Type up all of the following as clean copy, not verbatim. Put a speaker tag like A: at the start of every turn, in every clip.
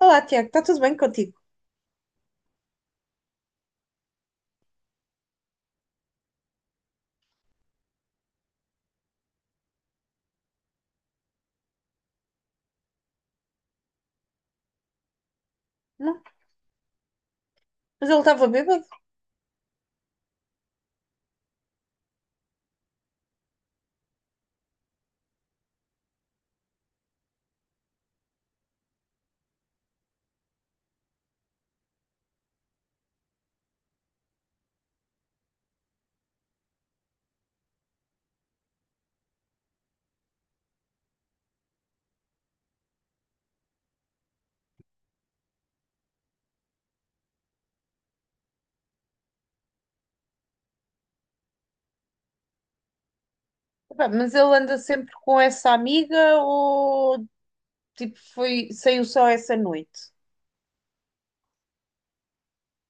A: Olá, Tiago, está tudo bem contigo? Não? Mas ele estava bêbado? Epá, mas ele anda sempre com essa amiga ou tipo foi, saiu só essa noite?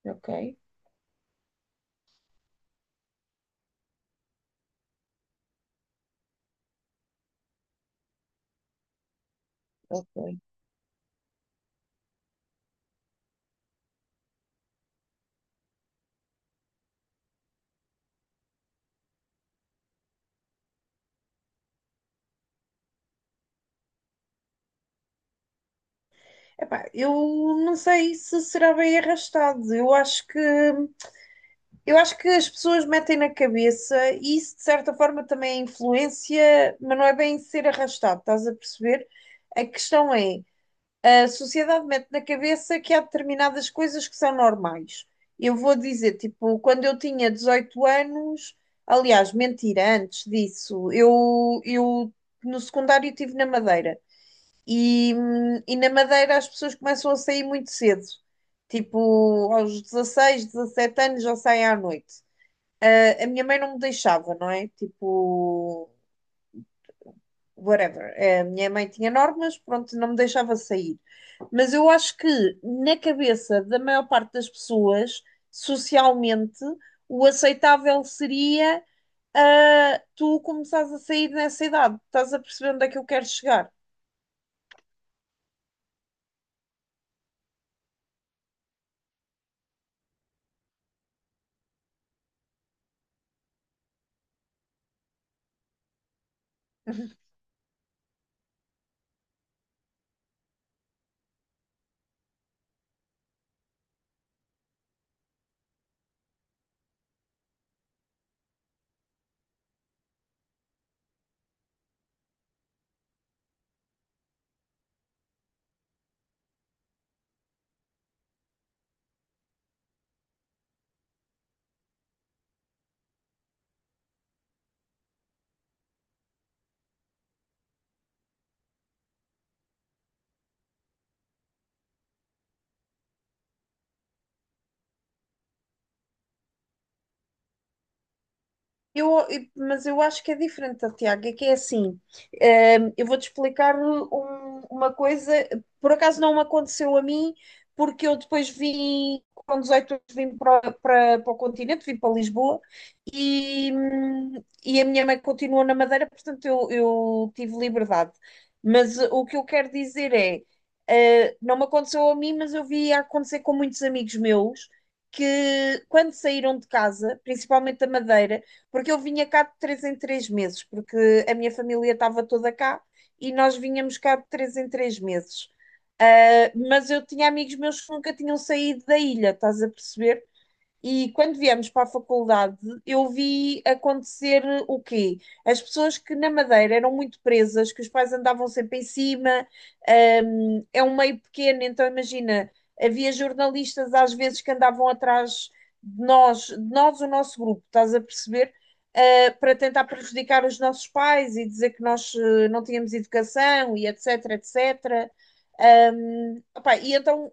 A: Ok, ok. Epá, eu não sei se será bem arrastado. Eu acho que as pessoas metem na cabeça e isso de certa forma também é influência, mas não é bem ser arrastado, estás a perceber? A questão é a sociedade mete na cabeça que há determinadas coisas que são normais. Eu vou dizer, tipo, quando eu tinha 18 anos, aliás, mentira, antes disso, eu no secundário estive na Madeira. E na Madeira as pessoas começam a sair muito cedo. Tipo, aos 16 17 anos já saem à noite. A minha mãe não me deixava, não é? Tipo, whatever. É, a minha mãe tinha normas, pronto, não me deixava sair. Mas eu acho que na cabeça da maior parte das pessoas, socialmente, o aceitável seria tu começares a sair nessa idade. Estás a perceber onde é que eu quero chegar? Mas eu acho que é diferente, Tiago, é que é assim, eu vou-te explicar uma coisa, por acaso não me aconteceu a mim, porque eu depois vim, com 18 anos vim para o continente, vim para Lisboa, e a minha mãe continuou na Madeira, portanto eu tive liberdade. Mas o que eu quero dizer é, não me aconteceu a mim, mas eu vi acontecer com muitos amigos meus, que quando saíram de casa, principalmente da Madeira, porque eu vinha cá de três em três meses, porque a minha família estava toda cá e nós vinhamos cá de três em três meses. Mas eu tinha amigos meus que nunca tinham saído da ilha, estás a perceber? E quando viemos para a faculdade, eu vi acontecer o quê? As pessoas que na Madeira eram muito presas, que os pais andavam sempre em cima, é um meio pequeno, então imagina, havia jornalistas às vezes que andavam atrás de nós, o nosso grupo, estás a perceber? Para tentar prejudicar os nossos pais e dizer que nós não tínhamos educação e etc, etc. Opá, e então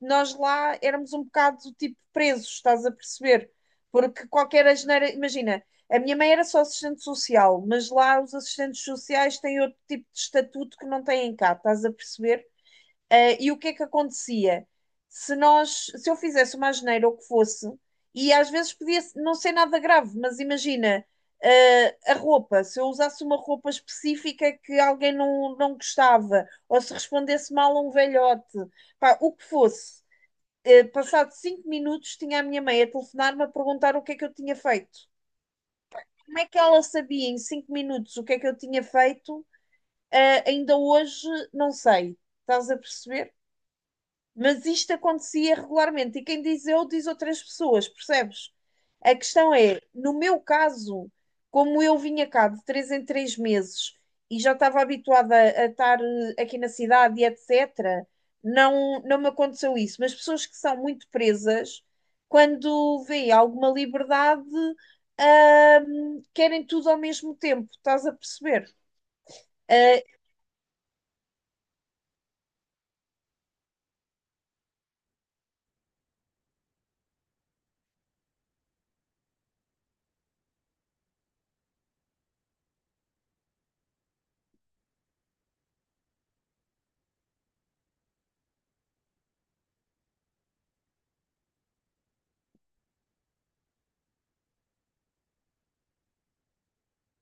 A: nós lá éramos um bocado tipo presos, estás a perceber? Porque qualquer asneira, imagina, a minha mãe era só assistente social, mas lá os assistentes sociais têm outro tipo de estatuto que não têm cá, estás a perceber? E o que é que acontecia? Se eu fizesse uma asneira ou o que fosse, e às vezes podia não ser nada grave, mas imagina, a roupa, se eu usasse uma roupa específica que alguém não gostava, ou se respondesse mal a um velhote, pá, o que fosse, passado 5 minutos, tinha a minha mãe a telefonar-me a perguntar o que é que eu tinha feito. Como é que ela sabia em 5 minutos o que é que eu tinha feito? Ainda hoje não sei. Estás a perceber? Mas isto acontecia regularmente. E quem diz eu, diz outras pessoas, percebes? A questão é, no meu caso, como eu vinha cá de três em três meses e já estava habituada a estar aqui na cidade e etc., não me aconteceu isso. Mas pessoas que são muito presas, quando vêem alguma liberdade, querem tudo ao mesmo tempo, estás a perceber? Ah,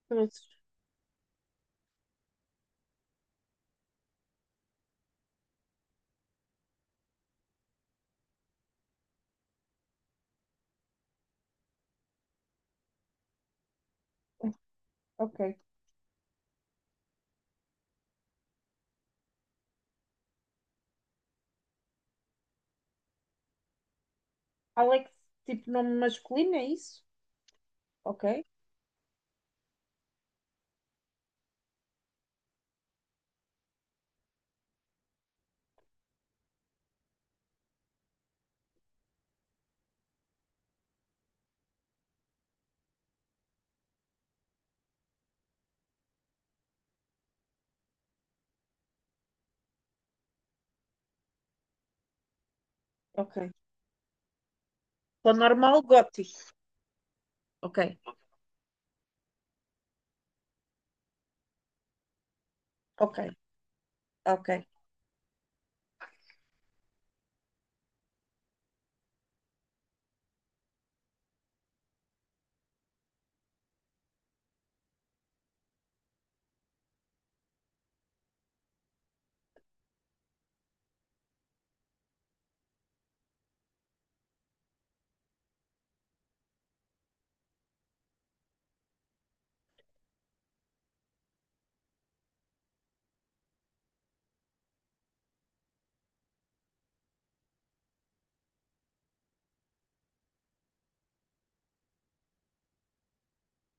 A: Trouxe. Ok. Alex, tipo nome masculino, é isso? Ok, ok. Para normal, gótico. Ok, ok, ok.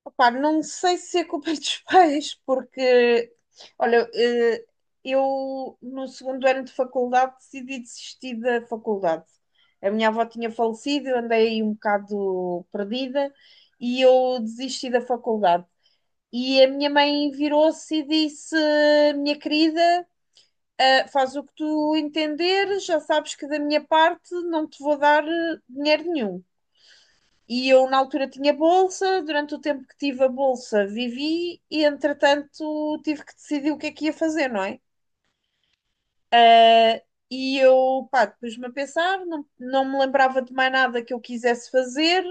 A: Opa, não sei se é culpa dos pais, porque, olha, eu no segundo ano de faculdade decidi desistir da faculdade. A minha avó tinha falecido, eu andei aí um bocado perdida e eu desisti da faculdade. E a minha mãe virou-se e disse: Minha querida, faz o que tu entenderes, já sabes que da minha parte não te vou dar dinheiro nenhum. E eu, na altura, tinha bolsa. Durante o tempo que tive a bolsa, vivi e, entretanto, tive que decidir o que é que ia fazer, não é? E eu, pá, pus-me a pensar, não me lembrava de mais nada que eu quisesse fazer.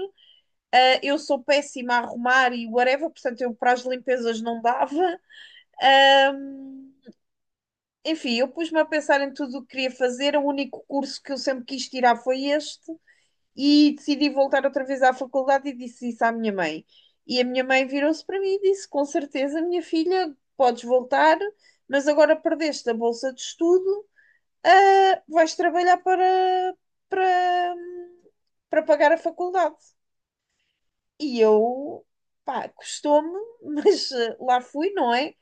A: Eu sou péssima a arrumar e whatever, portanto, eu para as limpezas não dava. Ah, Enfim, eu pus-me a pensar em tudo o que queria fazer. O único curso que eu sempre quis tirar foi este. E decidi voltar outra vez à faculdade e disse isso à minha mãe. E a minha mãe virou-se para mim e disse: Com certeza, minha filha, podes voltar, mas agora perdeste a bolsa de estudo, vais trabalhar para, para pagar a faculdade. E eu, pá, custou-me, mas lá fui, não é?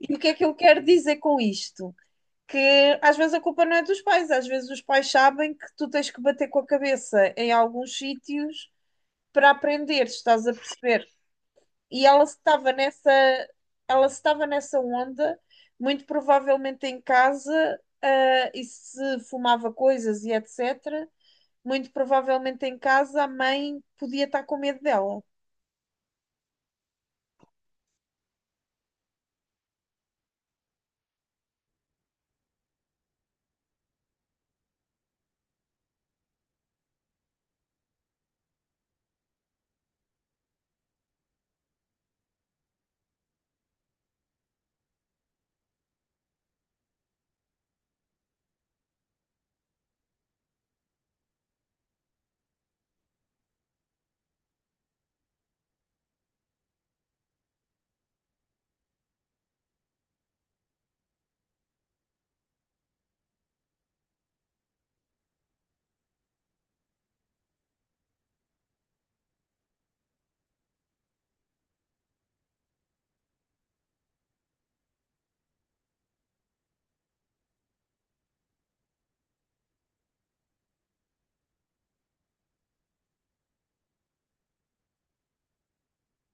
A: E o que é que eu quero dizer com isto? Que às vezes a culpa não é dos pais, às vezes os pais sabem que tu tens que bater com a cabeça em alguns sítios para aprender, estás a perceber? E ela estava nessa onda, muito provavelmente em casa, e se fumava coisas e etc. Muito provavelmente em casa a mãe podia estar com medo dela.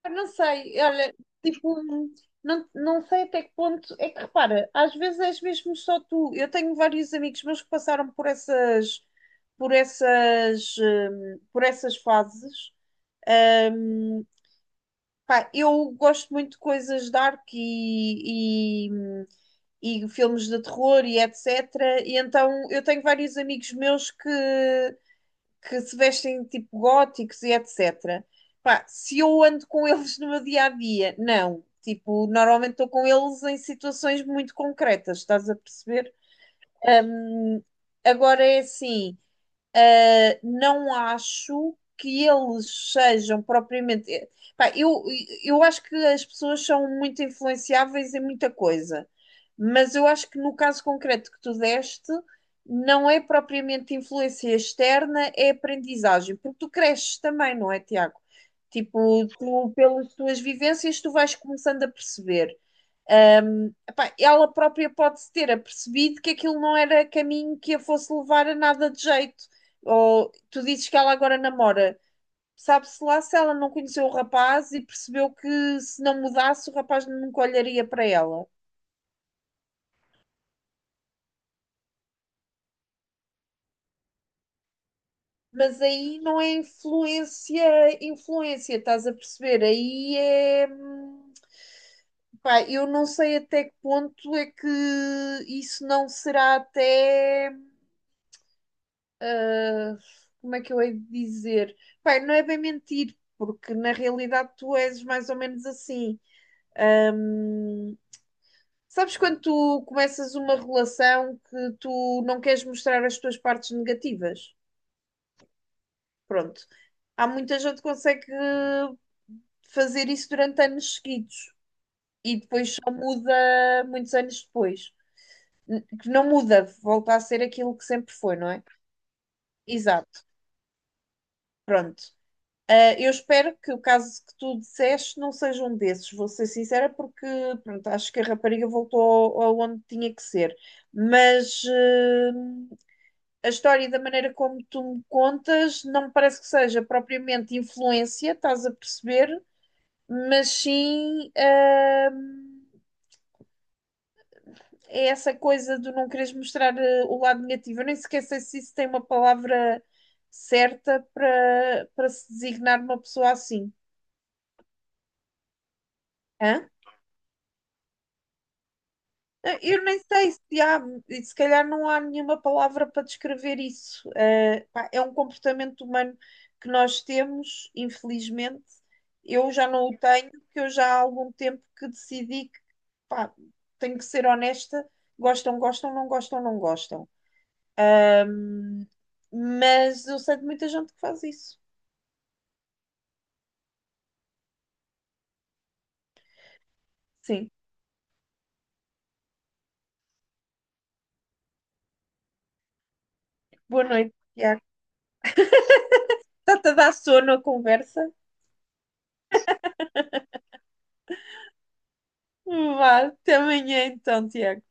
A: Eu não sei, olha, tipo, não sei até que ponto. É que repara, às vezes és mesmo só tu. Eu tenho vários amigos meus que passaram por essas fases. hum, Pá, eu gosto muito de coisas dark e filmes de terror e etc. E então eu tenho vários amigos meus que se vestem tipo góticos e etc. Pá, se eu ando com eles no meu dia a dia, não. Tipo, normalmente estou com eles em situações muito concretas, estás a perceber? Agora é assim. Não acho que eles sejam propriamente. Pá, eu acho que as pessoas são muito influenciáveis em muita coisa, mas eu acho que no caso concreto que tu deste, não é propriamente influência externa, é aprendizagem, porque tu cresces também, não é, Tiago? Tipo, tu, pelas tuas vivências, tu vais começando a perceber. Epá, ela própria pode-se ter apercebido que aquilo não era caminho que a fosse levar a nada de jeito. Ou tu dizes que ela agora namora. Sabe-se lá se ela não conheceu o rapaz e percebeu que se não mudasse o rapaz nunca olharia para ela. Mas aí não é influência, estás a perceber? Aí é. Pá, eu não sei até que ponto é que isso não será até como é que eu hei de dizer? Pai, não é bem mentir, porque na realidade tu és mais ou menos assim. Hum, sabes quando tu começas uma relação que tu não queres mostrar as tuas partes negativas? Pronto. Há muita gente que consegue fazer isso durante anos seguidos e depois só muda muitos anos depois. Que não muda, volta a ser aquilo que sempre foi, não é? Exato. Pronto. Eu espero que o caso que tu disseste não seja um desses, vou ser sincera, porque pronto, acho que a rapariga voltou ao- aonde tinha que ser. Mas a história da maneira como tu me contas não me parece que seja propriamente influência, estás a perceber? Mas sim, é essa coisa de não quereres mostrar o lado negativo. Eu nem sequer sei se isso tem uma palavra certa para se designar uma pessoa assim. Hã? Eu nem sei se há, se calhar não há nenhuma palavra para descrever isso. Pá, é um comportamento humano que nós temos, infelizmente. Eu já não o tenho, porque eu já há algum tempo que decidi que, pá, tenho que ser honesta. Gostam, gostam, não gostam, não gostam. Mas eu sei de muita gente que faz isso. Sim. Boa noite, Tiago. Está-te a dar sono a conversa? Vá, até amanhã então, Tiago.